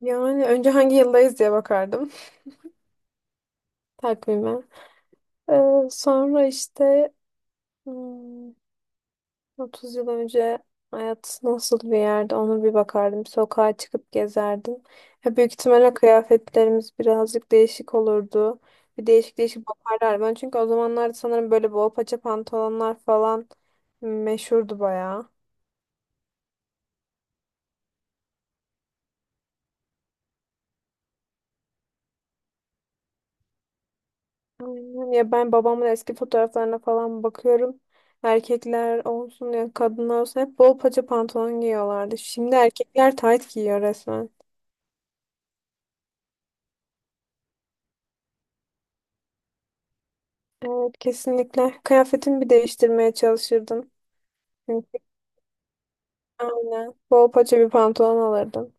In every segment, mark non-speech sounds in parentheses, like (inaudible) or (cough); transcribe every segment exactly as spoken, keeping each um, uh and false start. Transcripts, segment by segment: Yani önce hangi yıldayız diye bakardım (laughs) takvime. Ee, Sonra işte hmm, otuz yıl önce hayat nasıl bir yerde onu bir bakardım. Sokağa çıkıp gezerdim. Ya büyük ihtimalle kıyafetlerimiz birazcık değişik olurdu. Bir değişik değişik bakarlar. Ben çünkü o zamanlarda sanırım böyle bol paça pantolonlar falan meşhurdu bayağı. Aynen. Ya ben babamın eski fotoğraflarına falan bakıyorum. Erkekler olsun ya kadınlar olsun hep bol paça pantolon giyiyorlardı. Şimdi erkekler tayt giyiyor resmen. Evet, kesinlikle. Kıyafetimi bir değiştirmeye çalışırdım. Çünkü aynen bol paça bir pantolon alırdım.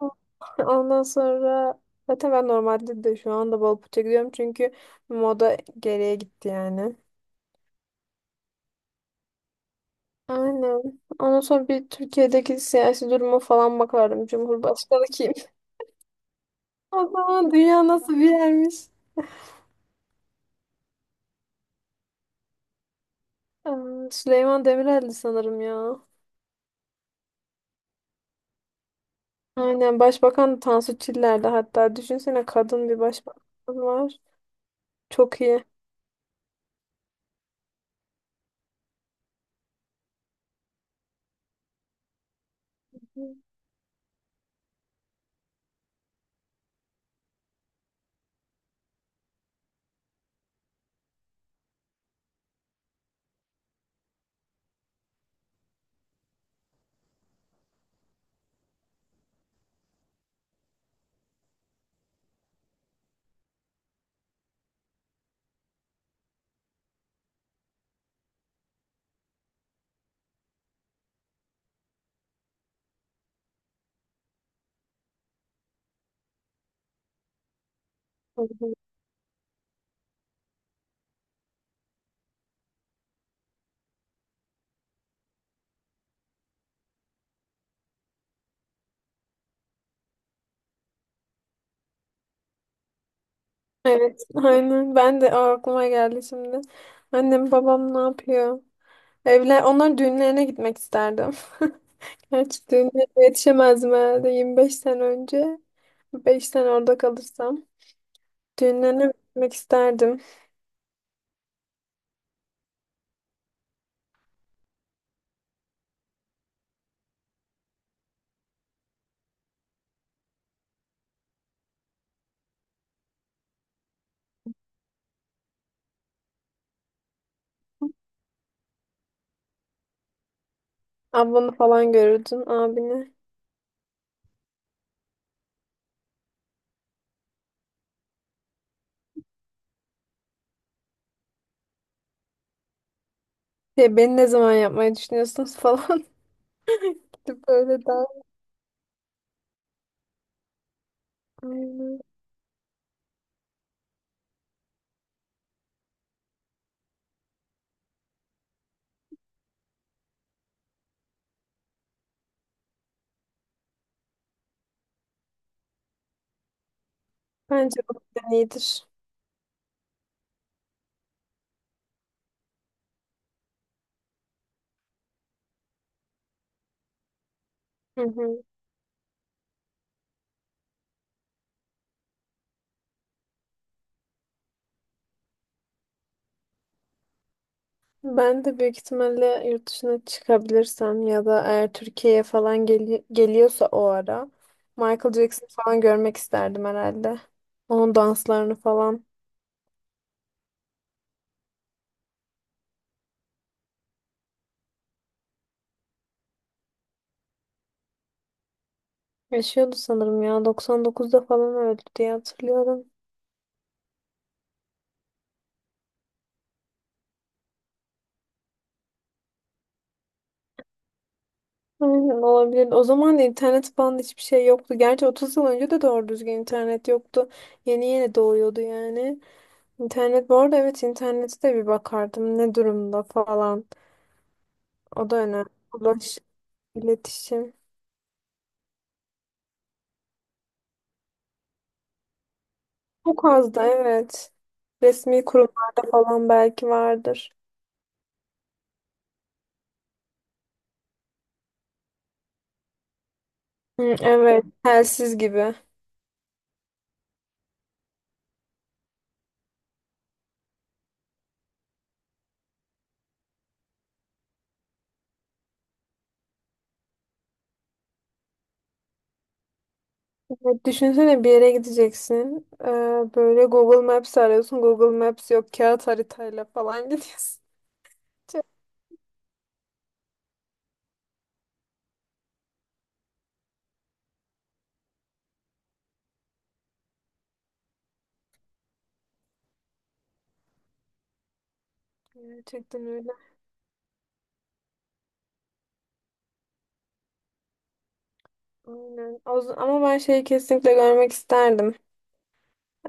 (laughs) Ondan sonra zaten ben normalde de şu anda bol paça giyiyorum çünkü moda geriye gitti yani. Aynen. Ondan sonra bir Türkiye'deki siyasi duruma falan bakardım. Cumhurbaşkanı kim? O zaman dünya nasıl bir yermiş? Aa, Süleyman Demirel'di sanırım ya. Aynen, başbakan Tansu Çiller'di hatta. Düşünsene, kadın bir başbakan var. Çok iyi. Evet, aynen. Ben de aa, aklıma geldi şimdi. Annem babam ne yapıyor? Evler, onlar düğünlerine gitmek isterdim. (laughs) Gerçi düğünlerine yetişemezdim herhalde yirmi beş sene önce. Beş sene orada kalırsam. Düğünlerine gitmek isterdim. Ablanı falan görürdün, abini. Şey, beni ne zaman yapmayı düşünüyorsunuz falan (laughs) gibi böyle daha. Aynen. Bence bu plan iyidir. Hı hı. Ben de büyük ihtimalle yurt dışına çıkabilirsem ya da eğer Türkiye'ye falan geli- geliyorsa o ara Michael Jackson falan görmek isterdim herhalde. Onun danslarını falan. Yaşıyordu sanırım ya. doksan dokuzda falan öldü diye hatırlıyorum. Aynen, olabilir. O zaman da internet falan da hiçbir şey yoktu. Gerçi otuz yıl önce de doğru düzgün internet yoktu. Yeni yeni doğuyordu yani. İnternet bu arada, evet, internete de bir bakardım ne durumda falan. O da önemli. Ulaş, iletişim. Çok az da, evet. Resmi kurumlarda falan belki vardır. Hı, evet, telsiz gibi. Evet, düşünsene bir yere gideceksin. Ee, böyle Google Maps arıyorsun. Google Maps yok. Kağıt haritayla falan (laughs) gidiyorsun. Gerçekten öyle. Aynen. O z- Ama ben şeyi kesinlikle görmek isterdim.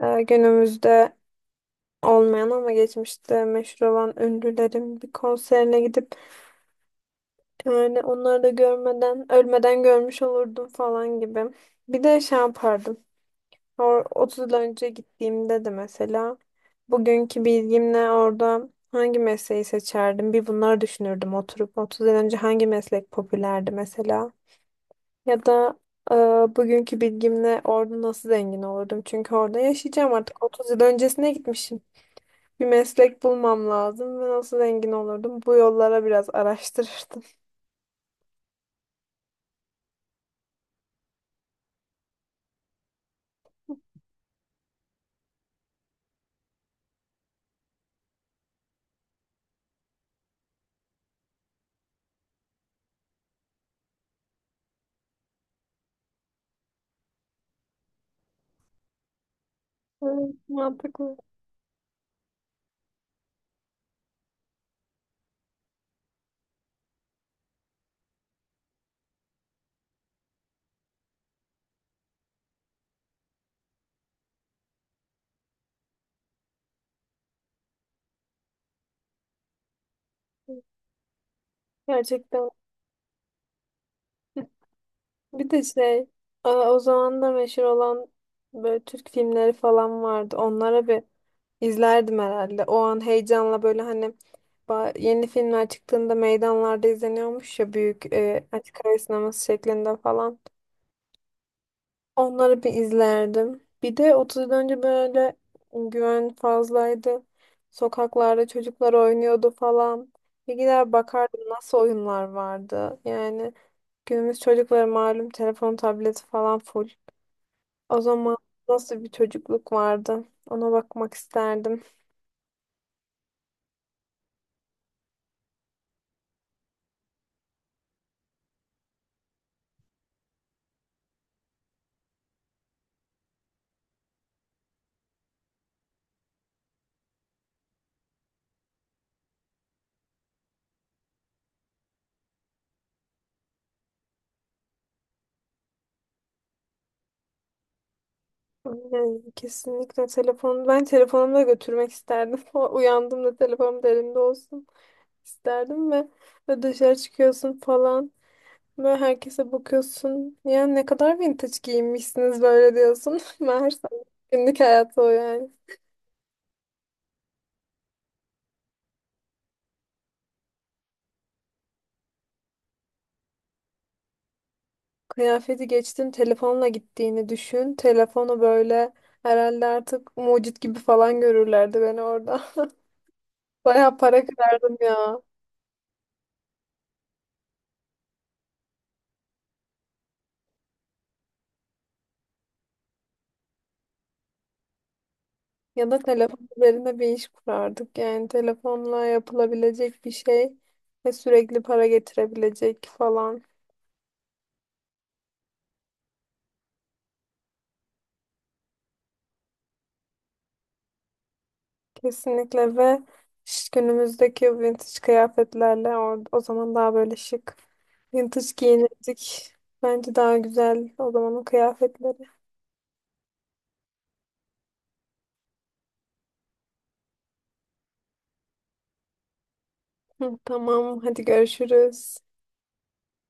Ee, günümüzde olmayan ama geçmişte meşhur olan ünlülerin bir konserine gidip yani onları da görmeden ölmeden görmüş olurdum falan gibi. Bir de şey yapardım. O- otuz yıl önce gittiğimde de mesela bugünkü bilgimle orada hangi mesleği seçerdim? Bir bunları düşünürdüm oturup otuz yıl önce hangi meslek popülerdi mesela? Ya da e, bugünkü bilgimle orada nasıl zengin olurdum? Çünkü orada yaşayacağım artık otuz yıl öncesine gitmişim. Bir meslek bulmam lazım ve nasıl zengin olurdum? Bu yollara biraz araştırırdım. (laughs) Evet, mantıklı. Gerçekten. Bir de şey, e, o zaman da meşhur olan böyle Türk filmleri falan vardı. Onlara bir izlerdim herhalde. O an heyecanla böyle hani ba- yeni filmler çıktığında meydanlarda izleniyormuş ya büyük e, açık hava sineması şeklinde falan. Onları bir izlerdim. Bir de otuz yıl önce böyle güven fazlaydı. Sokaklarda çocuklar oynuyordu falan. Bir gider bakardım nasıl oyunlar vardı. Yani günümüz çocukları malum telefon, tableti falan full. O zaman nasıl bir çocukluk vardı? Ona bakmak isterdim. Yani kesinlikle telefonu, ben telefonumu da götürmek isterdim. (laughs) O- Uyandığımda telefonum da elimde olsun isterdim ve ve dışarı çıkıyorsun falan. Böyle herkese bakıyorsun. Ya ne kadar vintage giyinmişsiniz böyle diyorsun. (laughs) Meğerse günlük hayatı o yani. Kıyafeti geçtim, telefonla gittiğini düşün. Telefonu böyle herhalde artık mucit gibi falan görürlerdi beni orada. (laughs) Bayağı para kırardım ya. Ya da telefon üzerine bir iş kurardık. Yani telefonla yapılabilecek bir şey ve sürekli para getirebilecek falan. Kesinlikle ve ş- günümüzdeki vintage kıyafetlerle or- o zaman daha böyle şık vintage giyinirdik. Bence daha güzel o zamanın kıyafetleri. Hı, tamam, hadi görüşürüz.